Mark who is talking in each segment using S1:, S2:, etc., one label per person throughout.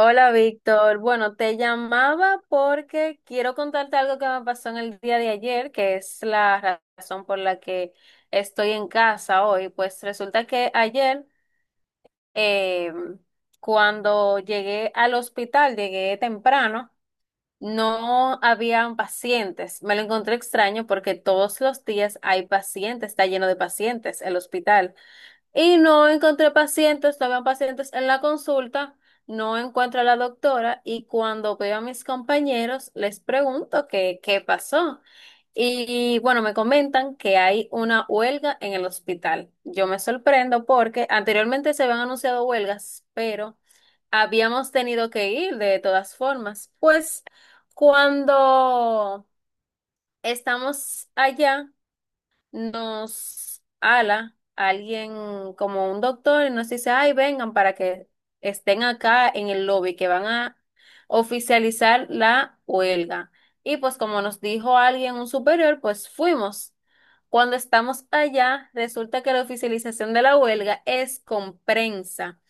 S1: Hola Víctor, bueno, te llamaba porque quiero contarte algo que me pasó en el día de ayer, que es la razón por la que estoy en casa hoy. Pues resulta que ayer, eh, cuando llegué al hospital, llegué temprano, no habían pacientes. Me lo encontré extraño porque todos los días hay pacientes, está lleno de pacientes el hospital. Y no encontré pacientes, no habían pacientes en la consulta, no encuentro a la doctora y cuando veo a mis compañeros les pregunto qué pasó. Y bueno, me comentan que hay una huelga en el hospital. Yo me sorprendo porque anteriormente se habían anunciado huelgas, pero habíamos tenido que ir de todas formas. Pues cuando estamos allá nos ala alguien como un doctor y nos dice, ay, vengan para que estén acá en el lobby, que van a oficializar la huelga. Y pues como nos dijo alguien, un superior, pues fuimos. Cuando estamos allá, resulta que la oficialización de la huelga es con prensa.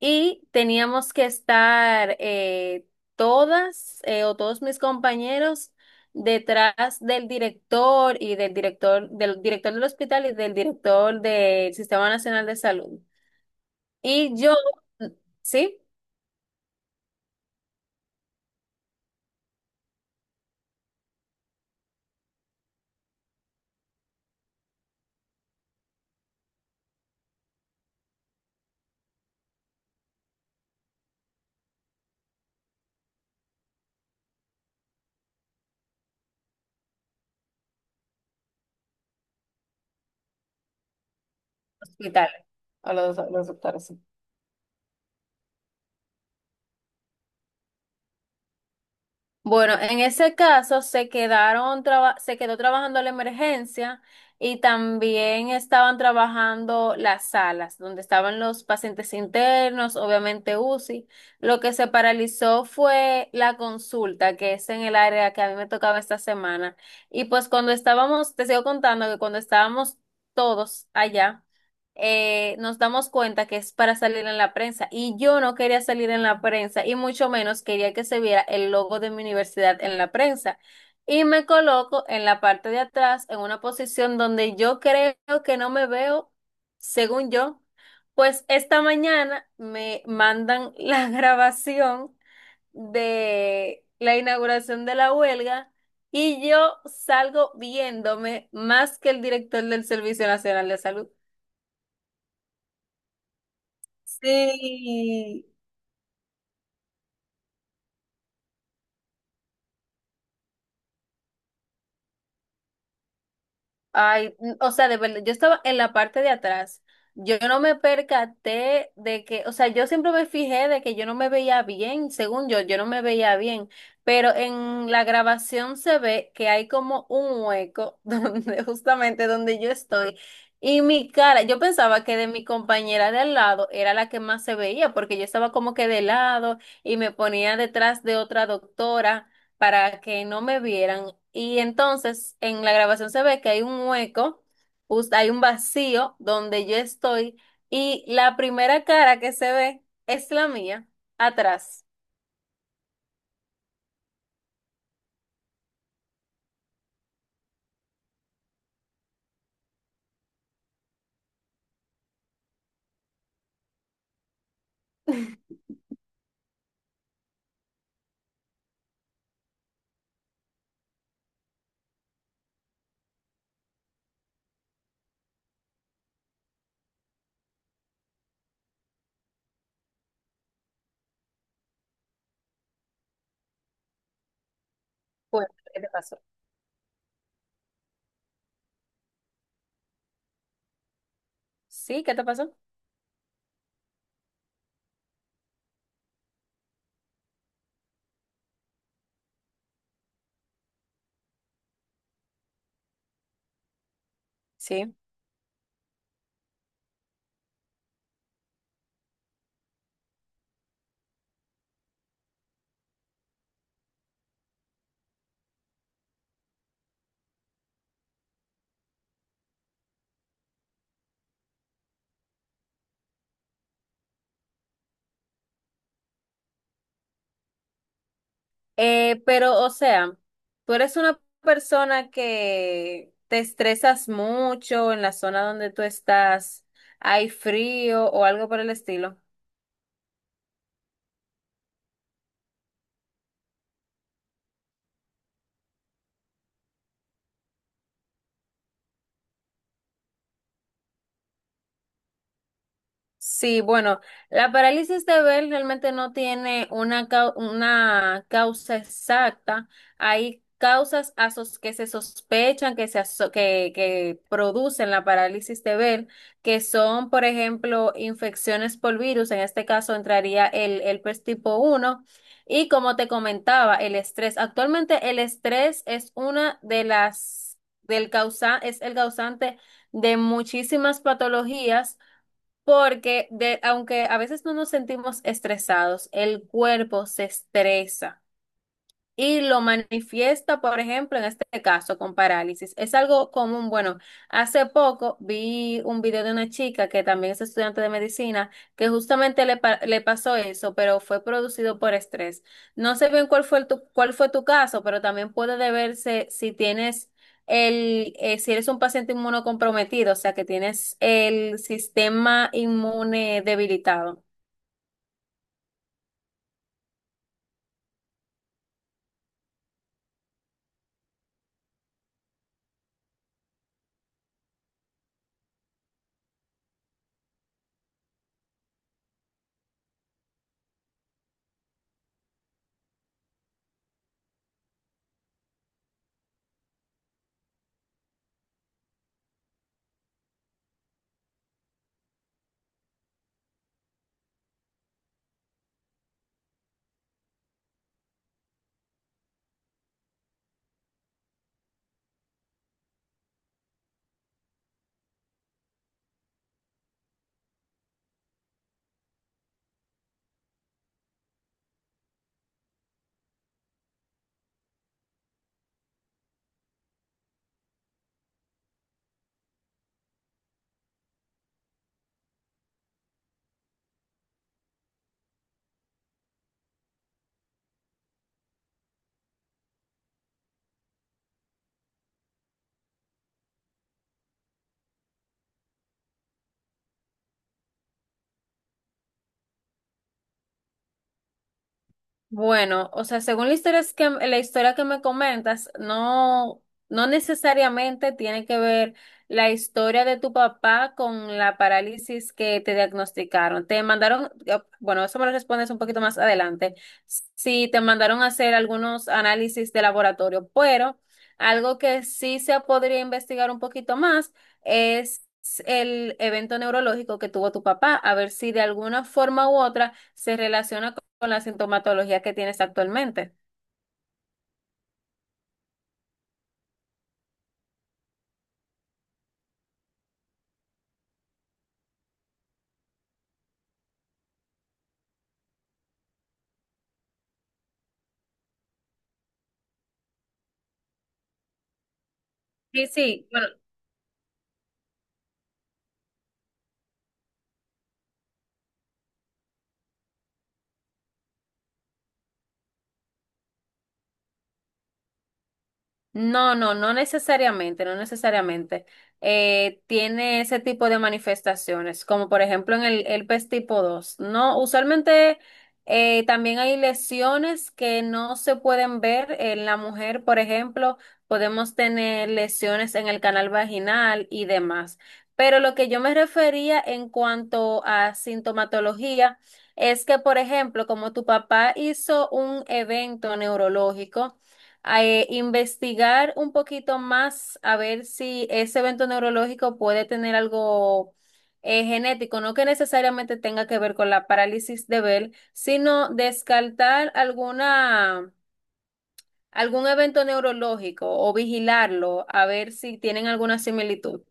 S1: Y teníamos que estar todas o todos mis compañeros detrás del director y del director, del director del hospital y del director del Sistema Nacional de Salud. Y yo, mm, ¿sí? Hospital, a los doctores. Sí. Bueno, en ese caso se quedaron se quedó trabajando la emergencia y también estaban trabajando las salas donde estaban los pacientes internos, obviamente UCI. Lo que se paralizó fue la consulta, que es en el área que a mí me tocaba esta semana. Y pues cuando estábamos, te sigo contando que cuando estábamos todos allá nos damos cuenta que es para salir en la prensa. Y yo no quería salir en la prensa y mucho menos quería que se viera el logo de mi universidad en la prensa. Y me coloco en la parte de atrás, en una posición donde yo creo que no me veo, según yo. Pues esta mañana me mandan la grabación de la inauguración de la huelga y yo salgo viéndome más que el director del Servicio Nacional de Salud. Sí, ay, n- o sea, de verdad, yo estaba en la parte de atrás. Yo no me percaté de que, o sea, yo siempre me fijé de que yo no me veía bien, según yo, yo no me veía bien, pero en la grabación se ve que hay como un hueco donde justamente donde yo estoy y mi cara, yo pensaba que de mi compañera de al lado era la que más se veía porque yo estaba como que de lado y me ponía detrás de otra doctora para que no me vieran. Y entonces en la grabación se ve que hay un hueco, hay un vacío donde yo estoy y la primera cara que se ve es la mía, atrás. Bueno, ¿qué te pasó? Sí, ¿qué te pasó? Sí. Pero, o sea, tú eres una persona que te estresas mucho, en la zona donde tú estás, hay frío o algo por el estilo. Sí, bueno, la parálisis de Bell realmente no tiene una, una causa exacta. Hay que se sospechan que producen la parálisis de Bell, que son, por ejemplo, infecciones por virus. En este caso entraría el herpes tipo uno. Y como te comentaba, el estrés. Actualmente el estrés es una del causa, es el causante de muchísimas patologías porque aunque a veces no nos sentimos estresados, el cuerpo se estresa y lo manifiesta, por ejemplo, en este caso con parálisis. Es algo común. Bueno, hace poco vi un video de una chica que también es estudiante de medicina, que justamente le pasó eso, pero fue producido por estrés. No sé bien cuál fue tu caso, pero también puede deberse si tienes si eres un paciente inmunocomprometido, o sea, que tienes el sistema inmune debilitado. Bueno, o sea, según la historia es que, la historia que me comentas, no, no necesariamente tiene que ver la historia de tu papá con la parálisis que te diagnosticaron. Te mandaron, bueno, eso me lo respondes un poquito más adelante, si te mandaron a hacer algunos análisis de laboratorio, pero algo que sí se podría investigar un poquito más es el evento neurológico que tuvo tu papá, a ver si de alguna forma u otra se relaciona con la sintomatología que tienes actualmente. Sí, sí, bueno, no, no, no necesariamente, no necesariamente. Tiene ese tipo de manifestaciones, como por ejemplo en el tipo dos. No, usualmente también hay lesiones que no se pueden ver en la mujer, por ejemplo, podemos tener lesiones en el canal vaginal y demás. Pero lo que yo me refería en cuanto a sintomatología es que, por ejemplo, como tu papá hizo un evento neurológico, investigar un poquito más a ver si ese evento neurológico puede tener algo genético, no que necesariamente tenga que ver con la parálisis de Bell, sino descartar alguna, algún evento neurológico o vigilarlo a ver si tienen alguna similitud.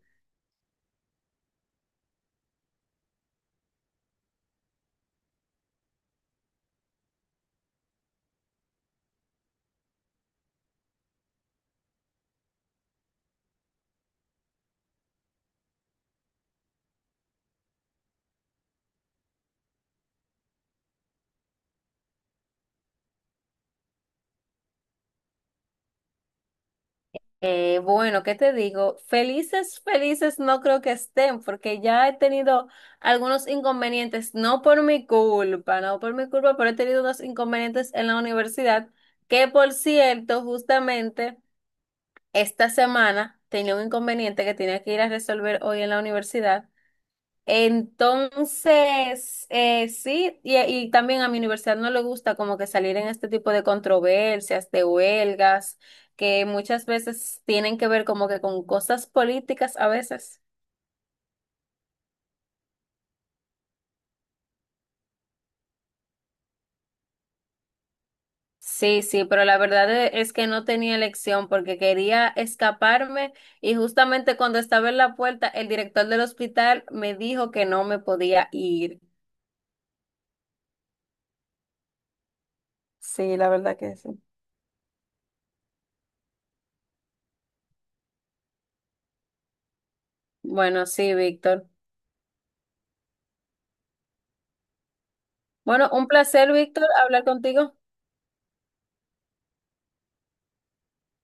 S1: Bueno, ¿qué te digo? Felices, felices no creo que estén, porque ya he tenido algunos inconvenientes, no por mi culpa, no por mi culpa, pero he tenido unos inconvenientes en la universidad, que por cierto, justamente esta semana tenía un inconveniente que tenía que ir a resolver hoy en la universidad. Entonces, sí, y también a mi universidad no le gusta como que salir en este tipo de controversias, de huelgas, que muchas veces tienen que ver como que con cosas políticas a veces. Sí, sí, pero la verdad es que no tenía elección porque quería escaparme y justamente cuando estaba en la puerta, el director del hospital me dijo que no me podía ir. Sí, la verdad que sí. Bueno, sí, Víctor. Bueno, un placer, Víctor, hablar contigo.